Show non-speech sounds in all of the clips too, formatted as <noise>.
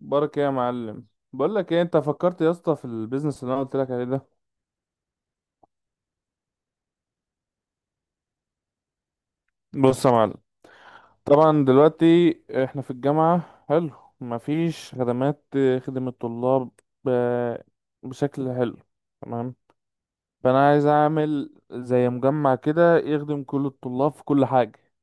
بركة يا معلم. بقول لك ايه، انت فكرت يا اسطى في البيزنس اللي انا قلت لك عليه ده؟ بص يا معلم، طبعا دلوقتي احنا في الجامعة، حلو، مفيش خدمات خدمة الطلاب ب- بشكل حلو، تمام. فانا عايز اعمل زي مجمع كده يخدم كل الطلاب في كل حاجة.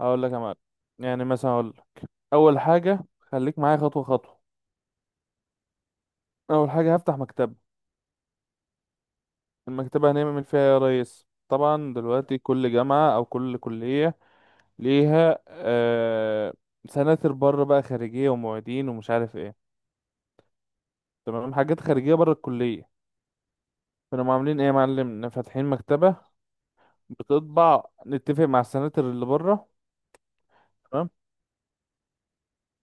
هقول لك يا معلم، يعني مثلا اقول لك، اول حاجة خليك معايا خطوة خطوة. اول حاجة هفتح مكتبة. المكتبة هنعمل فيها إيه يا ريس؟ طبعا دلوقتي كل جامعة او كل كلية ليها سناتر بره بقى خارجية ومعيدين ومش عارف ايه، تمام، حاجات خارجية بره الكلية. فنقوم عاملين ايه يا معلم، إن فاتحين مكتبة بتطبع، نتفق مع السناتر اللي بره، تمام،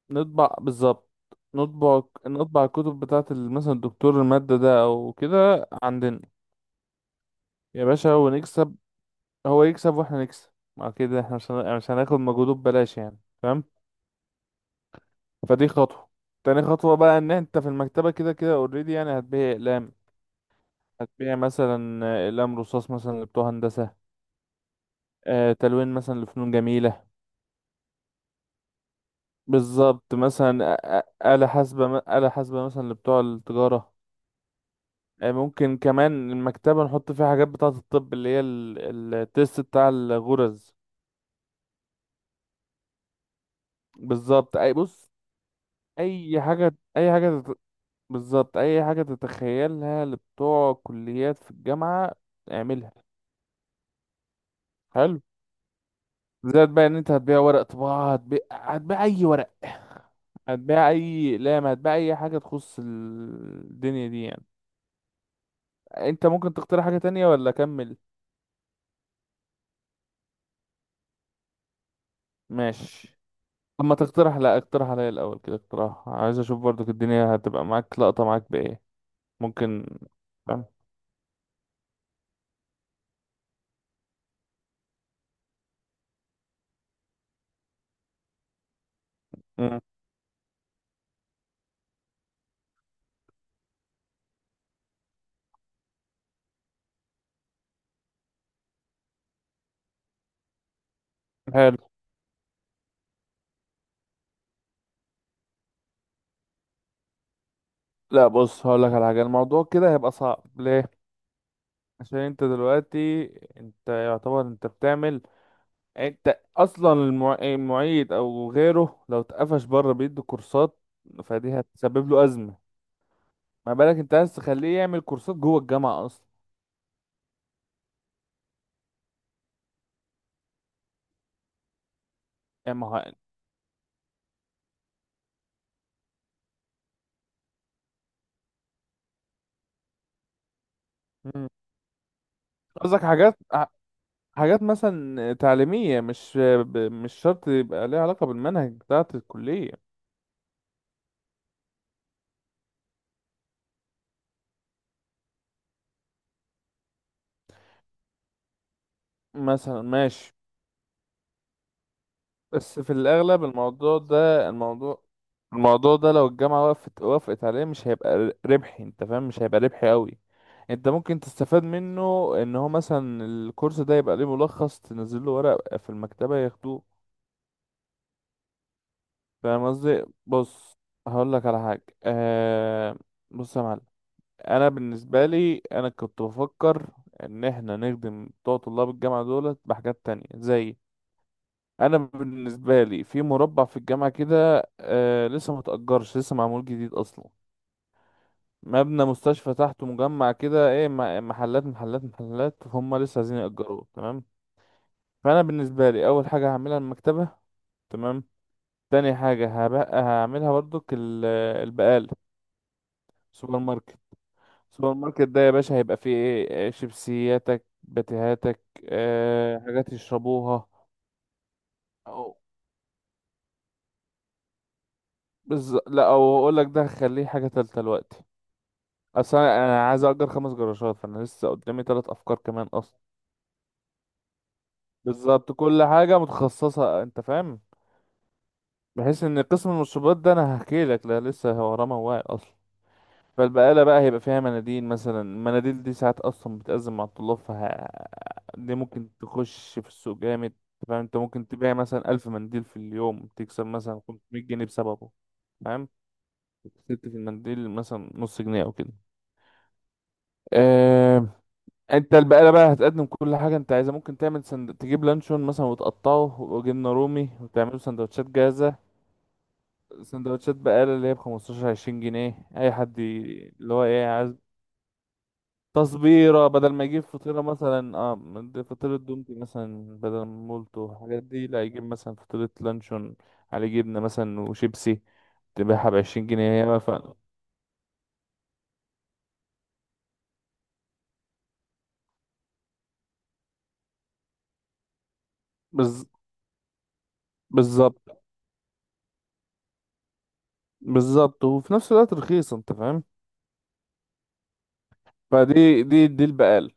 نطبع بالظبط، نطبع الكتب بتاعة مثلا الدكتور المادة ده او كده عندنا يا باشا، ونكسب، هو يكسب واحنا نكسب، مع كده احنا مش هن- يعني مش هناخد مجهوده ببلاش، يعني تمام. فدي خطوة. تاني خطوة بقى، ان انت في المكتبة كده كده اوريدي يعني هتبيع اقلام، هتبيع مثلا اقلام رصاص مثلا لبتوع هندسة، تلوين مثلا لفنون جميلة، بالظبط، مثلا آلة حاسبة، آلة حاسبة مثلا لبتوع التجارة، ممكن كمان المكتبة نحط فيها حاجات بتاعة الطب اللي هي التيست بتاع الغرز، بالظبط أي بص، أي حاجة أي حاجة تت- بالظبط أي حاجة تتخيلها لبتوع كليات في الجامعة، اعملها، حلو. زائد بقى ان انت هتبيع ورق طباعة، هتبيع اي ورق، هتبيع اي اقلام، هتبيع اي حاجة تخص الدنيا دي يعني. انت ممكن تقترح حاجة تانية ولا اكمل؟ ماشي لما تقترح، لا اقترح عليا الاول كده اقتراح، عايز اشوف برضك الدنيا هتبقى معاك لقطة معاك بايه. ممكن. فاهم؟ مم. حلو. لا بص هقول لك على حاجة، الموضوع كده هيبقى صعب. ليه؟ عشان انت دلوقتي، انت يعتبر انت بتعمل، انت اصلا المعيد او غيره لو اتقفش بره بيدي كورسات، فدي هتسبب له ازمه، ما بالك انت عايز تخليه يعمل كورسات جوه الجامعه اصلا. يعني ما هو- مم. قصدك حاجات حاجات مثلا تعليميه مش شرط يبقى ليها علاقه بالمنهج بتاعه الكليه، مثلا ماشي. بس في الأغلب الموضوع ده، الموضوع ده لو الجامعة وقفت وافقت عليه، مش هيبقى ربحي، انت فاهم، مش هيبقى ربحي قوي. انت ممكن تستفاد منه، ان هو مثلا الكورس ده يبقى ليه ملخص تنزل له ورق في المكتبة ياخدوه. فاهم قصدي؟ بص هقول لك على حاجة، بص يا معلم، انا بالنسبة لي انا كنت بفكر ان احنا نخدم بتوع طلاب الجامعة دولت بحاجات تانية زي، انا بالنسبه لي في مربع في الجامعه كده، لسه ما تأجرش، لسه معمول جديد اصلا، مبنى مستشفى تحته مجمع كده ايه، محلات محلات محلات هم لسه عايزين يأجروه، تمام. فانا بالنسبه لي اول حاجه هعملها المكتبه، تمام. تاني حاجه هبقى هعملها برضك البقاله، سوبر ماركت. سوبر ماركت ده يا باشا هيبقى فيه ايه؟ شيبسياتك، باتيهاتك، حاجات يشربوها، أو- لا او اقول لك ده هخليه حاجه تالته دلوقتي. اصل انا أنا عايز اجر خمس جراشات، فانا لسه قدامي ثلاث افكار كمان اصلا. بالظبط كل حاجه متخصصه انت فاهم، بحيث ان قسم المشروبات ده انا هحكي لك، لا لسه هو رمى واعي اصلا. فالبقاله بقى هيبقى فيها مناديل مثلا، المناديل دي ساعات اصلا بتأزم مع الطلاب دي ممكن تخش في السوق جامد، أنت فاهم، انت ممكن تبيع مثلا ألف منديل في اليوم، تكسب مثلا 500 جنيه بسببه، فاهم، كسبت في المنديل مثلا نص جنيه او كده. آه، انت البقالة بقى هتقدم كل حاجة انت عايزها، ممكن تعمل تجيب لانشون مثلا وتقطعه وجبنة رومي وتعمله سندوتشات جاهزة، سندوتشات بقالة اللي هي بخمستاشر عشرين جنيه، اي حد اللي هو ايه عايز، تصبيرة، بدل ما يجيب فطيرة مثلا، اه فطيرة دومتي مثلا بدل مولتو الحاجات دي، لا يجيب مثلا فطيرة لانشون على جبنة مثلا وشيبسي، تبيعها بعشرين جنيه، هي بقى بز... بالظبط، بالظبط وفي نفس الوقت رخيصة، انت فاهم. فدي دي دي البقالة.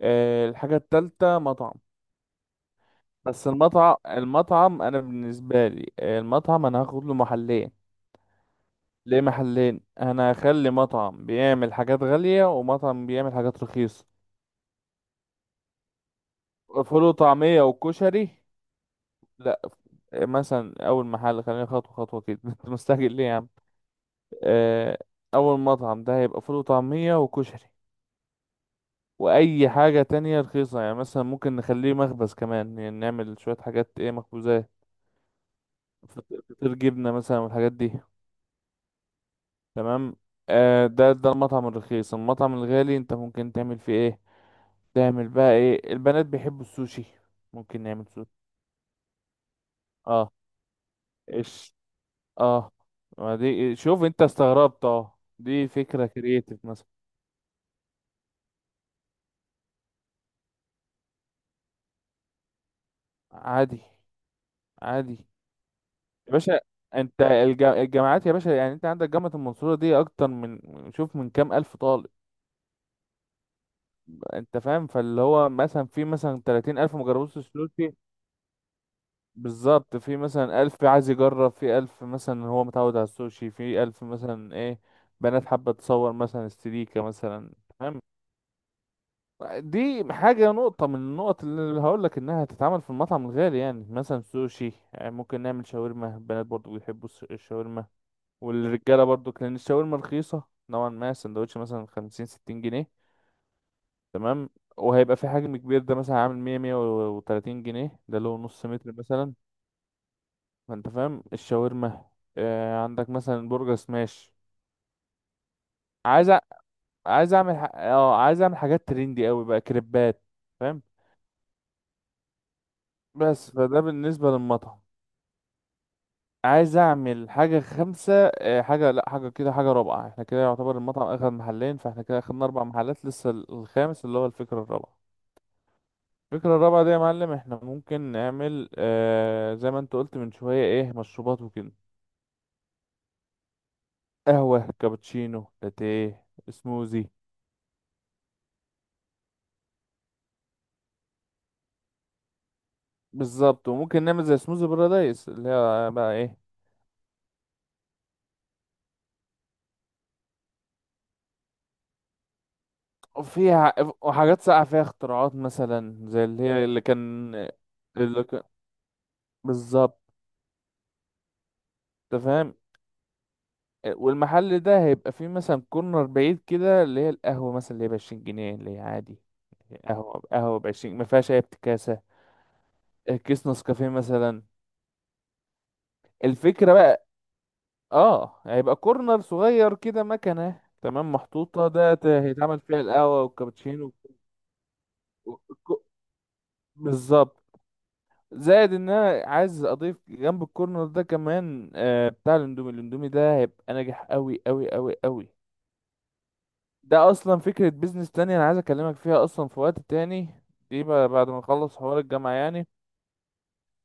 الحاجة التالتة مطعم. بس المطعم أنا بالنسبة لي، المطعم أنا هاخد له محلين. ليه محلين؟ أنا هخلي مطعم بيعمل حاجات غالية ومطعم بيعمل حاجات رخيصة. فول وطعمية وكشري، لا، مثلا أول محل خلينا خطوة خطوة كده <laughs> أنت مستعجل ليه يا عم؟ آه، أول مطعم ده هيبقى فول وطعمية وكشري، وأي حاجة تانية رخيصة يعني، مثلا ممكن نخليه مخبز كمان يعني، نعمل شوية حاجات إيه، مخبوزات، فطير جبنة مثلا والحاجات دي، تمام. ده المطعم الرخيص. المطعم الغالي انت ممكن تعمل فيه ايه؟ تعمل بقى ايه، البنات بيحبوا السوشي، ممكن نعمل سوشي. اه. ايش. اه. ما دي، شوف انت استغربت، اه دي فكرة كرييتيف مثلا. عادي، عادي، يا باشا انت الجامعات يا باشا يعني، انت عندك جامعة المنصورة دي اكتر من، شوف من كام الف طالب، انت فاهم، فاللي هو مثلا في مثلا 30,000 الف مجربوش السوشي، بالظبط، في مثلا ألف عايز يجرب، في ألف مثلا هو متعود على السوشي، في ألف مثلا إيه، بنات حابة تصور مثلا استريكة مثلا، تمام. دي حاجة، نقطة من النقط اللي هقولك إنها هتتعمل في المطعم الغالي يعني، مثلا سوشي، يعني ممكن نعمل شاورما، البنات برضو بيحبوا الشاورما، والرجالة برضو لأن الشاورما رخيصة نوعا ما، سندوتش مثلا خمسين ستين جنيه، تمام. وهيبقى في حجم كبير، ده مثلا عامل مية مية وتلاتين جنيه، ده له نص متر مثلا، ما انت فاهم الشاورما. عندك مثلا برجر سماش، عايز عايز اعمل ح... اه عايز اعمل حاجات ترندي قوي بقى، كريبات، فاهم. بس فده بالنسبه للمطعم. عايز اعمل حاجه خمسه آه حاجه لا حاجه كده حاجه رابعه، احنا كده يعتبر المطعم اخد محلين، فاحنا كده اخدنا اربع محلات، لسه الخامس اللي هو الفكره الرابعه. الفكره الرابعه دي يا معلم احنا ممكن نعمل زي ما انت قلت من شويه ايه، مشروبات وكده، قهوه، كابتشينو، لاتيه، سموزي. بالظبط، وممكن نعمل زي سموزي بارادايس اللي هي بقى ايه فيها، وحاجات ساقعة فيها اختراعات مثلا زي اللي هي اللي كان اللي كان بالظبط، انت فاهم. والمحل ده هيبقى فيه مثلا كورنر بعيد كده اللي هي القهوة مثلا، اللي هي بعشرين جنيه، اللي هي عادي، قهوة بعشرين ما فيهاش أي افتكاسة، كيس نسكافيه مثلا. الفكرة بقى، اه هيبقى كورنر صغير كده، مكنة تمام محطوطة ده هيتعمل فيها القهوة والكابتشينو. والك- والك- بالظبط. زائد ان انا عايز اضيف جنب الكورنر ده كمان بتاع الاندومي، الاندومي ده هيبقى ناجح قوي قوي قوي قوي. ده اصلا فكرة بيزنس تانية انا عايز اكلمك فيها اصلا في وقت تاني، دي بقى بعد ما اخلص حوار الجامعة يعني،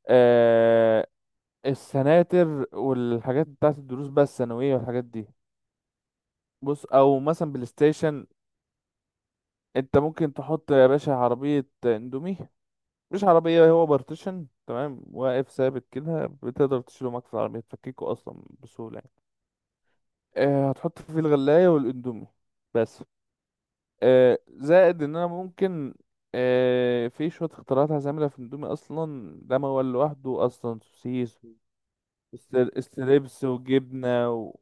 آه السناتر والحاجات بتاعت الدروس بقى الثانوية والحاجات دي. بص او مثلا بلاي ستيشن، انت ممكن تحط يا باشا عربية اندومي، مش عربية، هو بارتيشن تمام واقف ثابت كده، بتقدر تشيله معاك في العربية تفككه اصلا بسهولة. هتحط فيه الغلاية والاندومي بس. آه، زائد ان انا ممكن آه، في شوية اختراعات هعملها في الاندومي اصلا، ده موال لوحده اصلا، سوسيس ستريبس وجبنة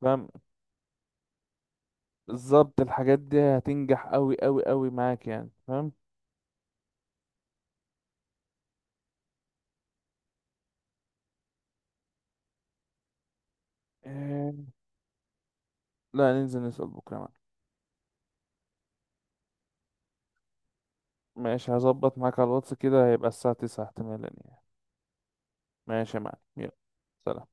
فاهم، بالظبط الحاجات دي هتنجح قوي قوي قوي معاك يعني، فاهم. آه، لا ننزل نسأل بكرة معاك. ماشي هظبط معاك على الواتس كده، هيبقى الساعة تسعة احتمالا يعني. ماشي يا معلم، يلا سلام.